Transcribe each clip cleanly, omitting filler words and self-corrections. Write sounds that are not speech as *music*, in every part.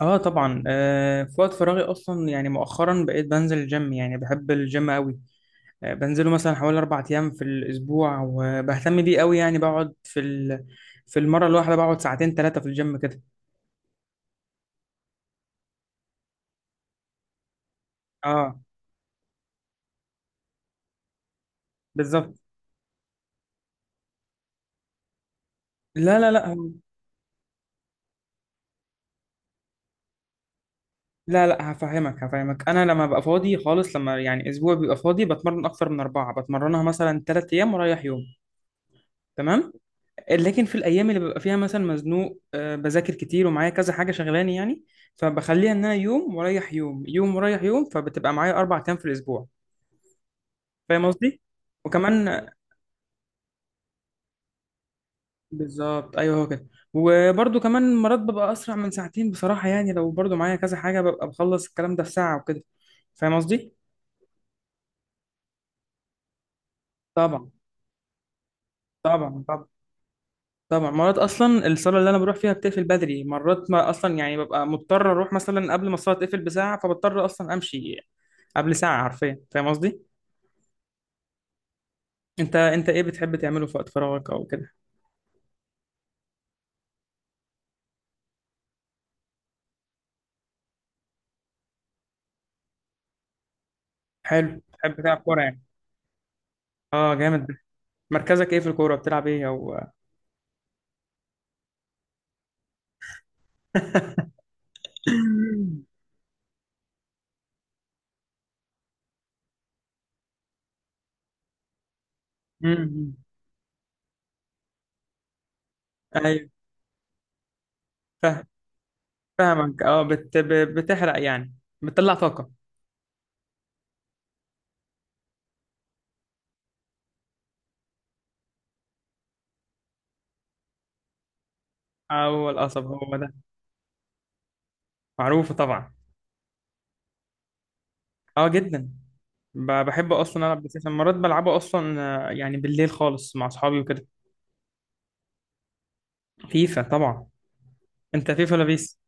اه طبعا، في وقت فراغي اصلا، يعني مؤخرا بقيت بنزل الجيم، يعني بحب الجيم قوي. بنزله مثلا حوالي اربع ايام في الاسبوع، وبهتم بيه قوي، يعني بقعد في في المره الواحده بقعد ساعتين ثلاثه في الجيم كده. اه، بالظبط. لا لا لا هو- لا، لا، هفهمك. انا لما ببقى فاضي خالص، لما يعني اسبوع بيبقى فاضي بتمرن اكتر من اربعه، بتمرنها مثلا ثلاث ايام ورايح يوم. تمام. لكن في الايام اللي ببقى فيها مثلا مزنوق، بذاكر كتير ومعايا كذا حاجه شغلاني يعني، فبخليها ان انا يوم ورايح يوم، يوم ورايح يوم، فبتبقى معايا اربع ايام في الاسبوع. فاهم قصدي؟ وكمان، بالظبط، ايوه هو كده. وبرده كمان مرات ببقى اسرع من ساعتين بصراحه، يعني لو برده معايا كذا حاجه ببقى بخلص الكلام ده في ساعه وكده. فاهم قصدي؟ طبعا. طبعا، طبعا. طبعا مرات اصلا الصلاه اللي انا بروح فيها بتقفل بدري، مرات ما اصلا يعني ببقى مضطر اروح مثلا قبل ما الصلاه تقفل بساعه، فبضطر اصلا امشي قبل ساعة حرفيا. فاهم قصدي؟ انت ايه بتحب تعمله في وقت فراغك او كده؟ حلو، بتحب تلعب كورة يعني. اه، جامد. مركزك ايه في الكورة؟ بتلعب ايه او *laughs* امم. ايوه، فاهم. فاهمك. بتحرق يعني، بتطلع طاقة. هو القصب هو ده، معروف طبعا. اه، جدا. بحب اصلا العب بلاي ستيشن، مرات بلعبه اصلا. يعني بالليل خالص مع اصحابي وكده. فيفا طبعا. انت فيفا ولا بيس؟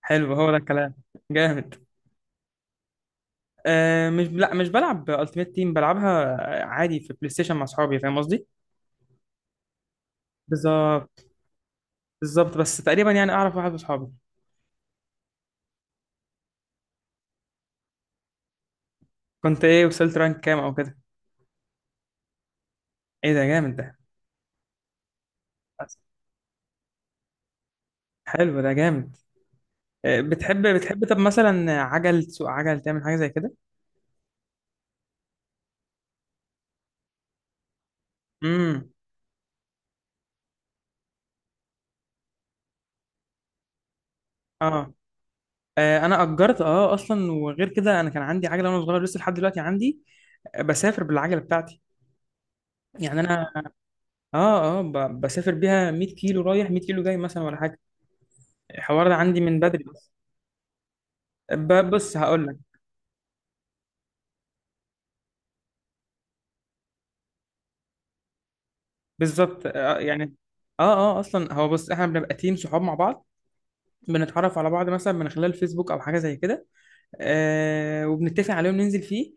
حلو، هو ده الكلام. جامد. مش بلعب التيمت تيم، بلعبها عادي في بلاي ستيشن مع اصحابي. فاهم قصدي؟ بالظبط، بالظبط. بس تقريبا يعني اعرف واحد من اصحابي. كنت ايه؟ وصلت رانك كام او كده؟ ايه ده، جامد ده. حلو ده، جامد. بتحب، بتحب طب مثلا عجل، تسوق عجل، تعمل حاجه زي كده؟ امم اه. انا اجرت، اه اصلا، وغير كده انا كان عندي عجله وانا صغير، لسه لحد دلوقتي عندي. بسافر بالعجله بتاعتي. يعني انا، اه، بسافر بيها 100 كيلو رايح 100 كيلو جاي مثلا ولا حاجه. الحوار ده عندي من بدري. بص هقول لك. بالظبط. آه، يعني اه اصلا هو، بص، احنا بنبقى تيم صحاب مع بعض، بنتعرف على بعض مثلا من خلال فيسبوك او حاجه زي كده. وبنتفق عليهم ننزل فيه،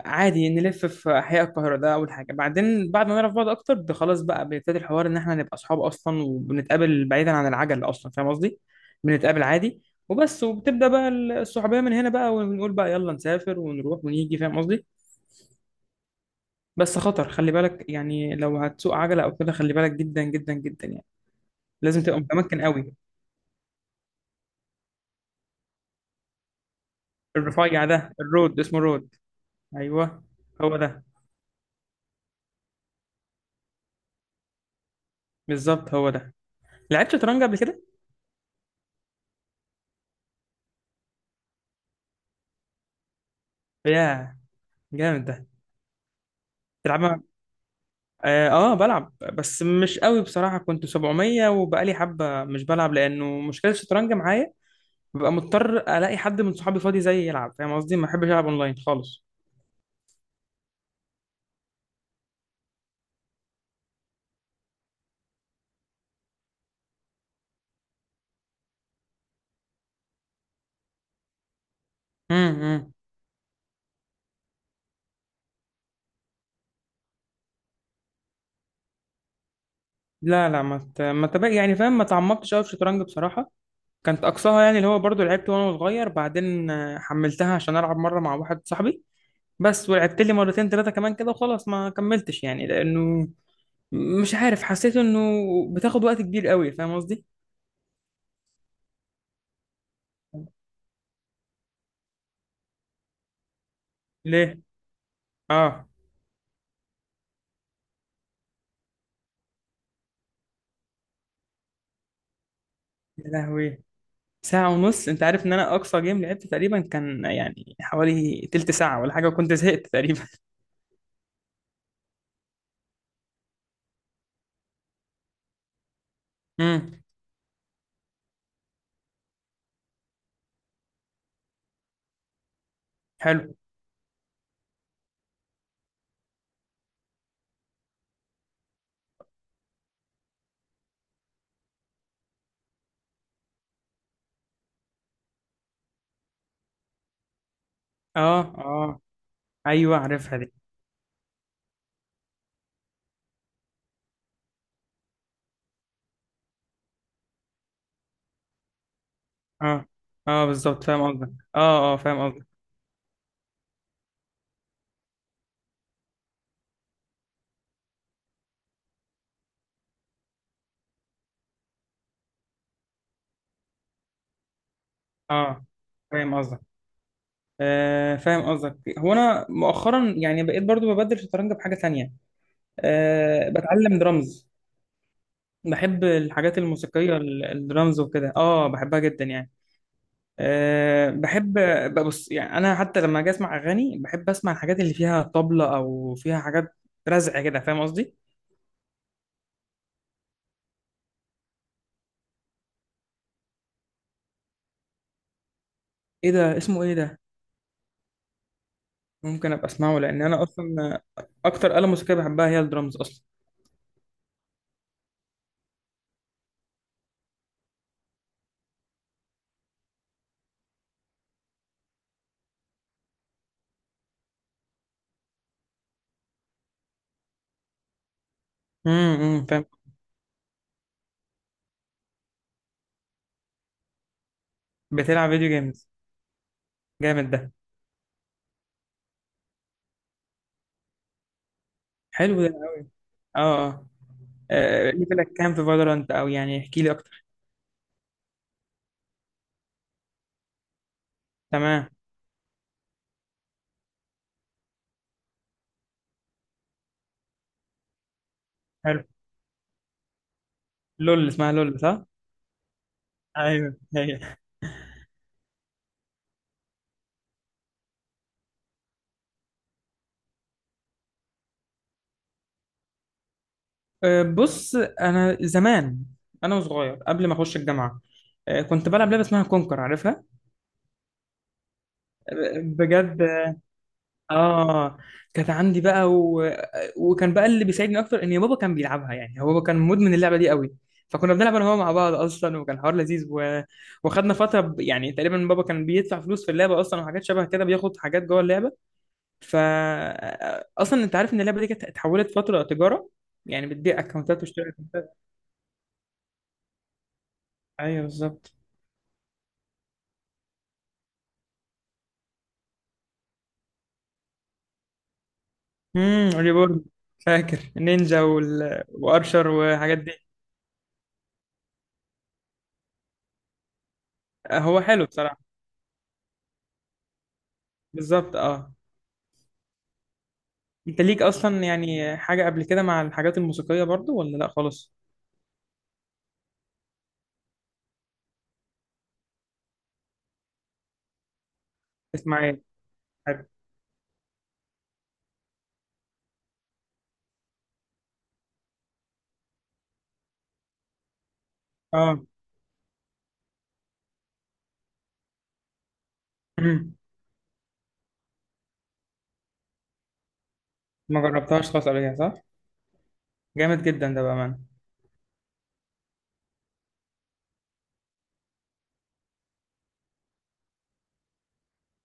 عادي نلف في احياء القاهره. ده اول حاجه، بعدين بعد ما نعرف بعض اكتر خلاص بقى بيبتدي الحوار ان احنا نبقى اصحاب اصلا، وبنتقابل بعيدا عن العجل اصلا. فاهم قصدي؟ بنتقابل عادي، وبس. وبتبدا بقى الصحوبيه من هنا بقى، ونقول بقى يلا نسافر ونروح ونيجي. فاهم قصدي؟ بس خطر، خلي بالك يعني لو هتسوق عجلة أو كده خلي بالك جدا جدا جدا يعني. لازم تبقى متمكن قوي. الرفيع ده الرود، اسمه رود. أيوه، هو ده، بالظبط، هو ده. لعبت شطرنج قبل كده؟ ياه، جامد ده. تلعب؟ آه، آه، بلعب بس مش قوي بصراحة. كنت 700 وبقالي حبة مش بلعب، لأنه مشكلة الشطرنج معايا ببقى مضطر ألاقي حد من صحابي فاضي زيي يلعب. فاهم قصدي؟ ما بحبش ألعب أونلاين خالص. امم لا، لا، ما تبقى يعني فاهم، ما تعمقتش قوي في الشطرنج بصراحة. كانت اقصاها يعني اللي هو برضو لعبت وانا صغير، بعدين حملتها عشان العب مره مع واحد صاحبي، بس ولعبت لي مرتين ثلاثه كمان كده وخلاص، ما كملتش يعني، لانه مش عارف، حسيت انه بتاخد وقت كبير قوي. فاهم قصدي؟ ليه؟ اه. يا لهوي، ساعه ونص. انت عارف ان انا اقصى جيم لعبت تقريبا كان يعني حوالي تلت ساعه ولا حاجه، وكنت زهقت تقريبا. *laughs* امم حلو. اه، اه، ايوه، عارفها دي. اه، اه، بالظبط، فاهم قصدك. اه، اه، فاهم قصدك. اه، فاهم قصدك. فاهم قصدك. هو انا مؤخرا يعني بقيت برضو ببدل شطرنج بحاجه تانية. أه، بتعلم درامز. بحب الحاجات الموسيقيه، الدرامز وكده، اه بحبها جدا يعني. أه، بحب. ببص يعني انا حتى لما اجي اسمع اغاني بحب اسمع الحاجات اللي فيها طبلة، او فيها حاجات رزع كده. فاهم قصدي؟ ايه ده؟ اسمه ايه ده؟ ممكن ابقى اسمعه، لان انا اصلا اكتر آلة موسيقيه بحبها هي الدرامز اصلا. أمم، فاهم. بتلعب فيديو جيمز؟ جامد ده. حلو ده. اه. آه. ليفلك كام في فالورانت؟ او يعني احكي لي اكتر. تمام. حلو. لول اسمها، لول، صح؟ ايوه هي. بص، انا زمان، انا وصغير قبل ما اخش الجامعه، كنت بلعب لعبه اسمها كونكر. عارفها؟ بجد. اه، كانت عندي بقى وكان بقى اللي بيساعدني اكتر ان بابا كان بيلعبها، يعني هو بابا كان مدمن اللعبه دي قوي، فكنا بنلعب انا وهو مع بعض اصلا، وكان حوار لذيذ وخدنا فتره يعني تقريبا بابا كان بيدفع فلوس في اللعبه اصلا، وحاجات شبه كده، بياخد حاجات جوه اللعبه. فا اصلا انت عارف ان اللعبه دي كانت اتحولت فتره تجاره، يعني بتبيع اكونتات واشتري اكونتات. ايوه، بالظبط. ريبورن. فاكر نينجا وارشر والحاجات دي؟ هو حلو بصراحه. بالظبط، اه. انت ليك اصلا يعني حاجه قبل كده مع الحاجات الموسيقيه برضو ولا لا خالص؟ اسمع ايه؟ حلو. اه. امم ما جربتهاش خالص قبل كده، صح؟ جامد جدا ده بامانه.